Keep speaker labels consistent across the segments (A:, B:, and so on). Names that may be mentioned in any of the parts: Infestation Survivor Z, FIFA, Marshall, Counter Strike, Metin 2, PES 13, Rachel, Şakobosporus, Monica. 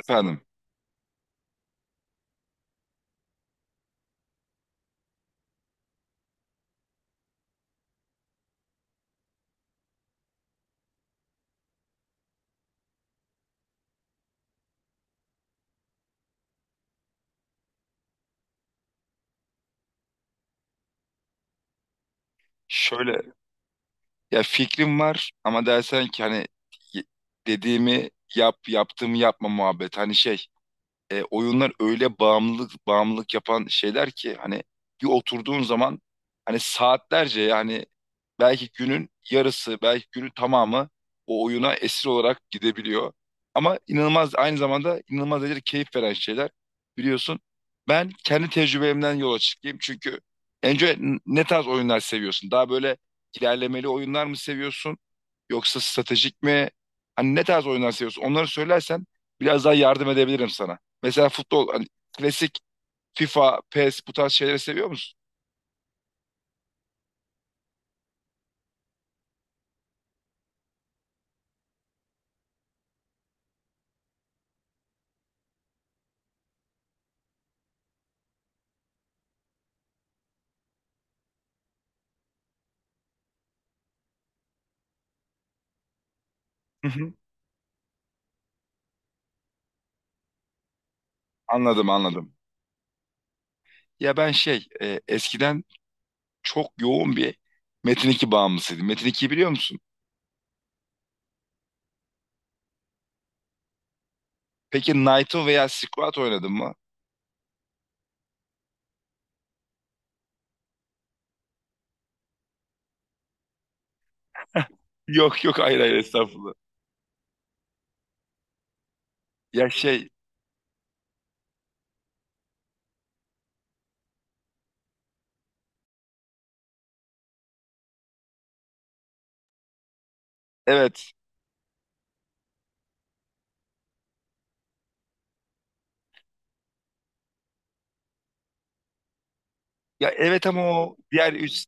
A: Efendim, şöyle ya fikrim var ama dersen ki hani y- dediğimi yaptığımı yapma muhabbet. Hani şey oyunlar öyle bağımlılık bağımlılık yapan şeyler ki hani bir oturduğun zaman hani saatlerce yani belki günün yarısı belki günün tamamı o oyuna esir olarak gidebiliyor. Ama inanılmaz aynı zamanda inanılmaz derecede keyif veren şeyler biliyorsun. Ben kendi tecrübemden yola çıkayım çünkü önce ne tarz oyunlar seviyorsun? Daha böyle ilerlemeli oyunlar mı seviyorsun? Yoksa stratejik mi? Hani ne tarz oyunlar seviyorsun? Onları söylersen biraz daha yardım edebilirim sana. Mesela futbol, hani klasik FIFA, PES bu tarz şeyleri seviyor musun? Hı hı. Anladım anladım. Ya ben şey eskiden çok yoğun bir Metin 2 bağımlısıydım. Metin 2'yi biliyor musun? Peki Naito veya Squat oynadın mı? Yok yok, hayır hayır, estağfurullah. Ya şey evet. Ya evet, ama o diğer üç.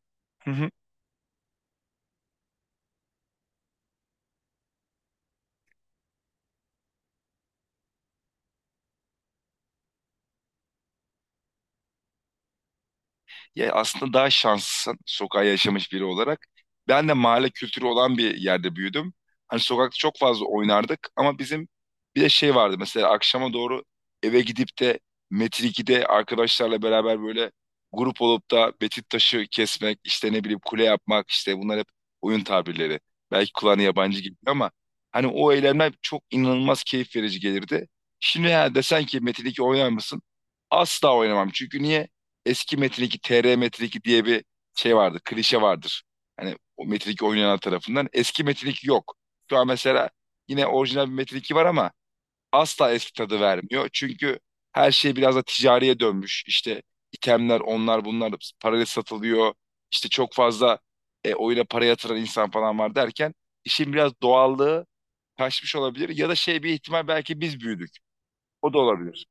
A: Ya aslında daha şanslısın sokağa yaşamış biri olarak. Ben de mahalle kültürü olan bir yerde büyüdüm. Hani sokakta çok fazla oynardık, ama bizim bir de şey vardı, mesela akşama doğru eve gidip de Metrik'te arkadaşlarla beraber böyle grup olup da betit taşı kesmek, işte ne bileyim kule yapmak, işte bunlar hep oyun tabirleri. Belki kulağına yabancı gibi, ama hani o eylemler çok inanılmaz keyif verici gelirdi. Şimdi ya desen ki Metin 2 oynar mısın? Asla oynamam. Çünkü niye? Eski Metin 2, TR Metin 2 diye bir şey vardır, klişe vardır. Hani o Metin 2 oynayanlar tarafından. Eski Metin 2 yok. Şu an mesela yine orijinal bir Metin 2 var ama asla eski tadı vermiyor. Çünkü her şey biraz da ticariye dönmüş. İşte itemler, onlar bunlar parayla satılıyor. İşte çok fazla oyuna para yatıran insan falan var derken işin biraz doğallığı kaçmış olabilir. Ya da şey bir ihtimal belki biz büyüdük. O da olabilir.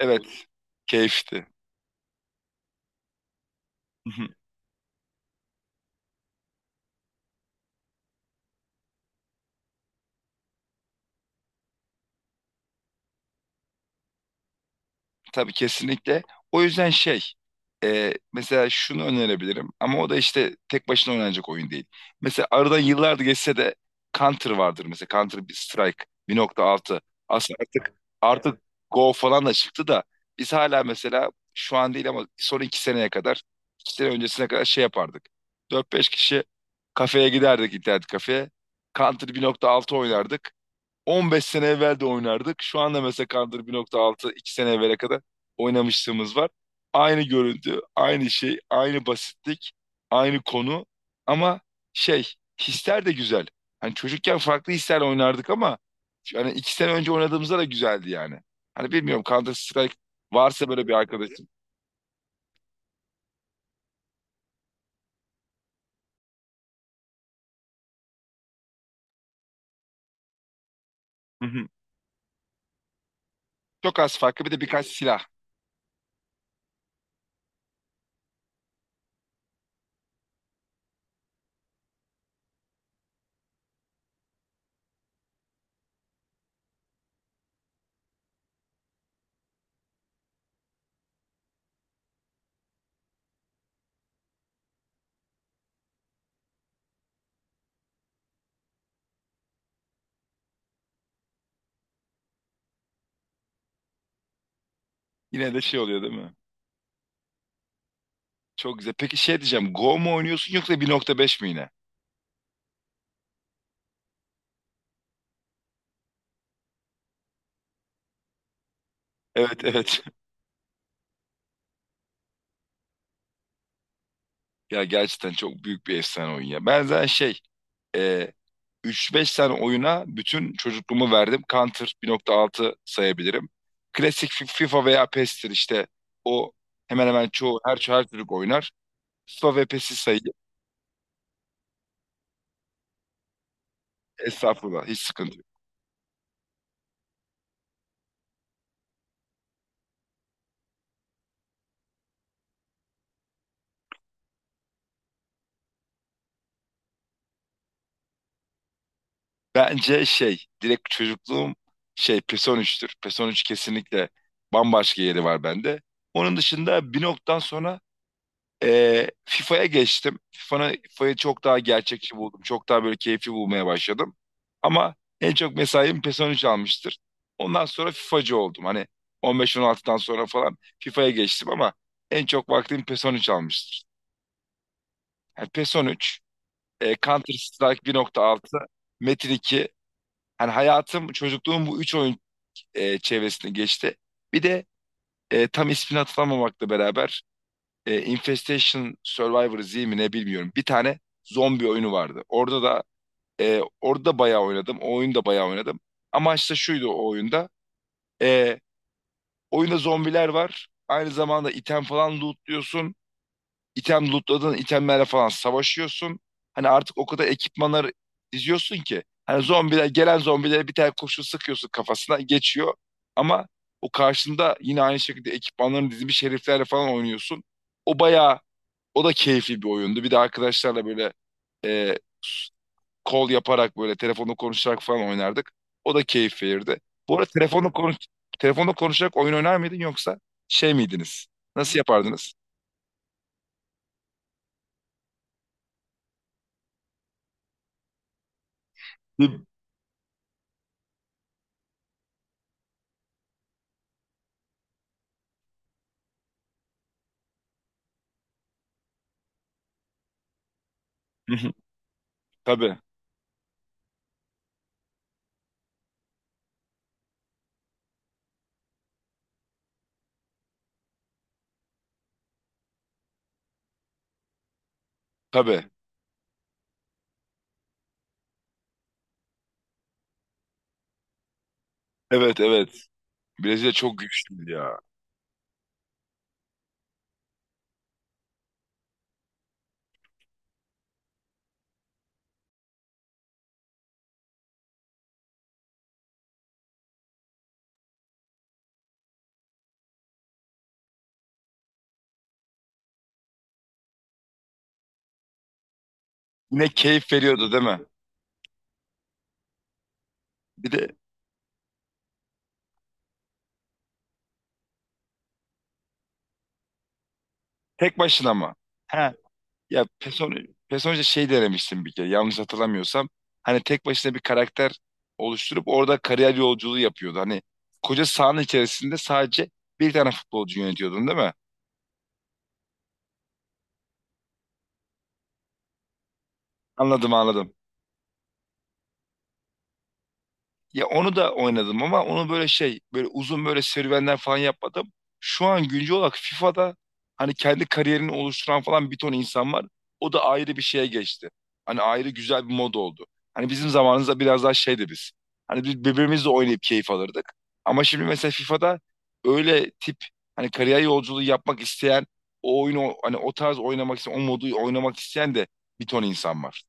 A: Evet, keyifti. Tabii, kesinlikle. O yüzden şey mesela şunu önerebilirim, ama o da işte tek başına oynanacak oyun değil. Mesela aradan yıllar geçse de Counter vardır, mesela Counter bir Strike bir nokta altı. Aslında artık artık. Evet. Go falan da çıktı da biz hala mesela şu an değil ama son 2 seneye kadar, 2 sene öncesine kadar şey yapardık. Dört beş kişi kafeye giderdik, internet kafeye. Counter 1.6 oynardık. 15 sene evvel de oynardık. Şu anda mesela Counter 1.6 2 sene evvele kadar oynamışlığımız var. Aynı görüntü, aynı şey, aynı basitlik, aynı konu, ama şey, hisler de güzel. Hani çocukken farklı hislerle oynardık ama yani 2 sene önce oynadığımızda da güzeldi yani. Hani bilmiyorum, Counter Strike varsa böyle bir arkadaşım. Hı hı. Çok az farklı, bir de birkaç silah. Yine de şey oluyor değil mi? Çok güzel. Peki şey diyeceğim. Go mu oynuyorsun yoksa 1.5 mi yine? Evet, evet. Ya gerçekten çok büyük bir efsane oyun ya. Ben zaten şey, e, 3-5 tane oyuna bütün çocukluğumu verdim. Counter 1.6 sayabilirim. Klasik FIFA veya PES'tir işte. O hemen hemen çoğu her çocuk oynar. FIFA ve PES'i sayayım. Estağfurullah, hiç sıkıntı yok. Bence şey, direkt çocukluğum şey PES 13'tür. PES 13 kesinlikle bambaşka yeri var bende. Onun dışında bir noktadan sonra FIFA'ya geçtim. FIFA'yı çok daha gerçekçi buldum. Çok daha böyle keyifli bulmaya başladım. Ama en çok mesaim PES 13 almıştır. Ondan sonra FIFA'cı oldum. Hani 15-16'dan sonra falan FIFA'ya geçtim ama en çok vaktim PES 13 almıştır. Yani PES 13, Counter Strike 1.6, Metin 2. Hani hayatım, çocukluğum bu üç oyun çevresinde geçti. Bir de tam ismini hatırlamamakla beraber Infestation Survivor Z mi ne bilmiyorum. Bir tane zombi oyunu vardı. Orada da bayağı oynadım. O oyunu da bayağı oynadım. Amaç da şuydu o oyunda. E, oyunda zombiler var. Aynı zamanda item falan lootluyorsun. İtem lootladığın itemlerle falan savaşıyorsun. Hani artık o kadar ekipmanlar diziyorsun ki. Hani gelen zombilere bir tane kurşun sıkıyorsun, kafasına geçiyor. Ama o karşında yine aynı şekilde ekipmanların dizilmiş heriflerle falan oynuyorsun. O bayağı O da keyifli bir oyundu. Bir de arkadaşlarla böyle e, kol yaparak böyle telefonla konuşarak falan oynardık. O da keyif verirdi. Bu arada telefonla konuşarak oyun oynar mıydın, yoksa şey miydiniz? Nasıl yapardınız? Hı hı. Tabii, tabii. Evet, evet. Brezilya çok güçlü ya. Yine keyif veriyordu değil mi? Bir de tek başına mı? He. Ya personaja şey denemiştim bir kere, yanlış hatırlamıyorsam. Hani tek başına bir karakter oluşturup orada kariyer yolculuğu yapıyordu. Hani koca sahanın içerisinde sadece bir tane futbolcu yönetiyordun değil mi? Anladım, anladım. Ya onu da oynadım ama onu böyle şey, böyle uzun böyle serüvenler falan yapmadım. Şu an güncel olarak FIFA'da hani kendi kariyerini oluşturan falan bir ton insan var. O da ayrı bir şeye geçti. Hani ayrı güzel bir mod oldu. Hani bizim zamanımızda biraz daha şeydi biz. Hani biz birbirimizle oynayıp keyif alırdık. Ama şimdi mesela FIFA'da öyle tip hani kariyer yolculuğu yapmak isteyen, o oyunu hani o tarz oynamak isteyen, o modu oynamak isteyen de bir ton insan var.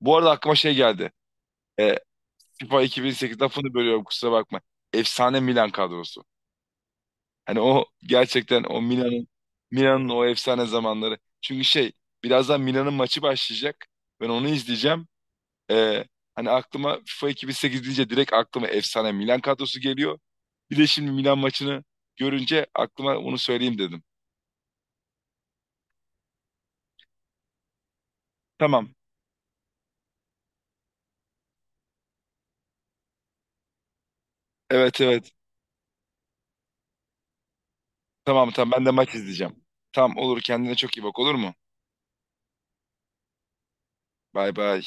A: Bu arada aklıma şey geldi. Ee, FIFA 2008 lafını bölüyorum, kusura bakma. Efsane Milan kadrosu. Hani o gerçekten o Milan'ın o efsane zamanları. Çünkü şey, birazdan Milan'ın maçı başlayacak. Ben onu izleyeceğim. Ee, hani aklıma FIFA 2008 deyince direkt aklıma efsane Milan kadrosu geliyor. Bir de şimdi Milan maçını görünce aklıma onu söyleyeyim dedim. Tamam. Evet, evet. Tamam, tamam, ben de maç izleyeceğim. Tamam, olur, kendine çok iyi bak, olur mu? Bay bay.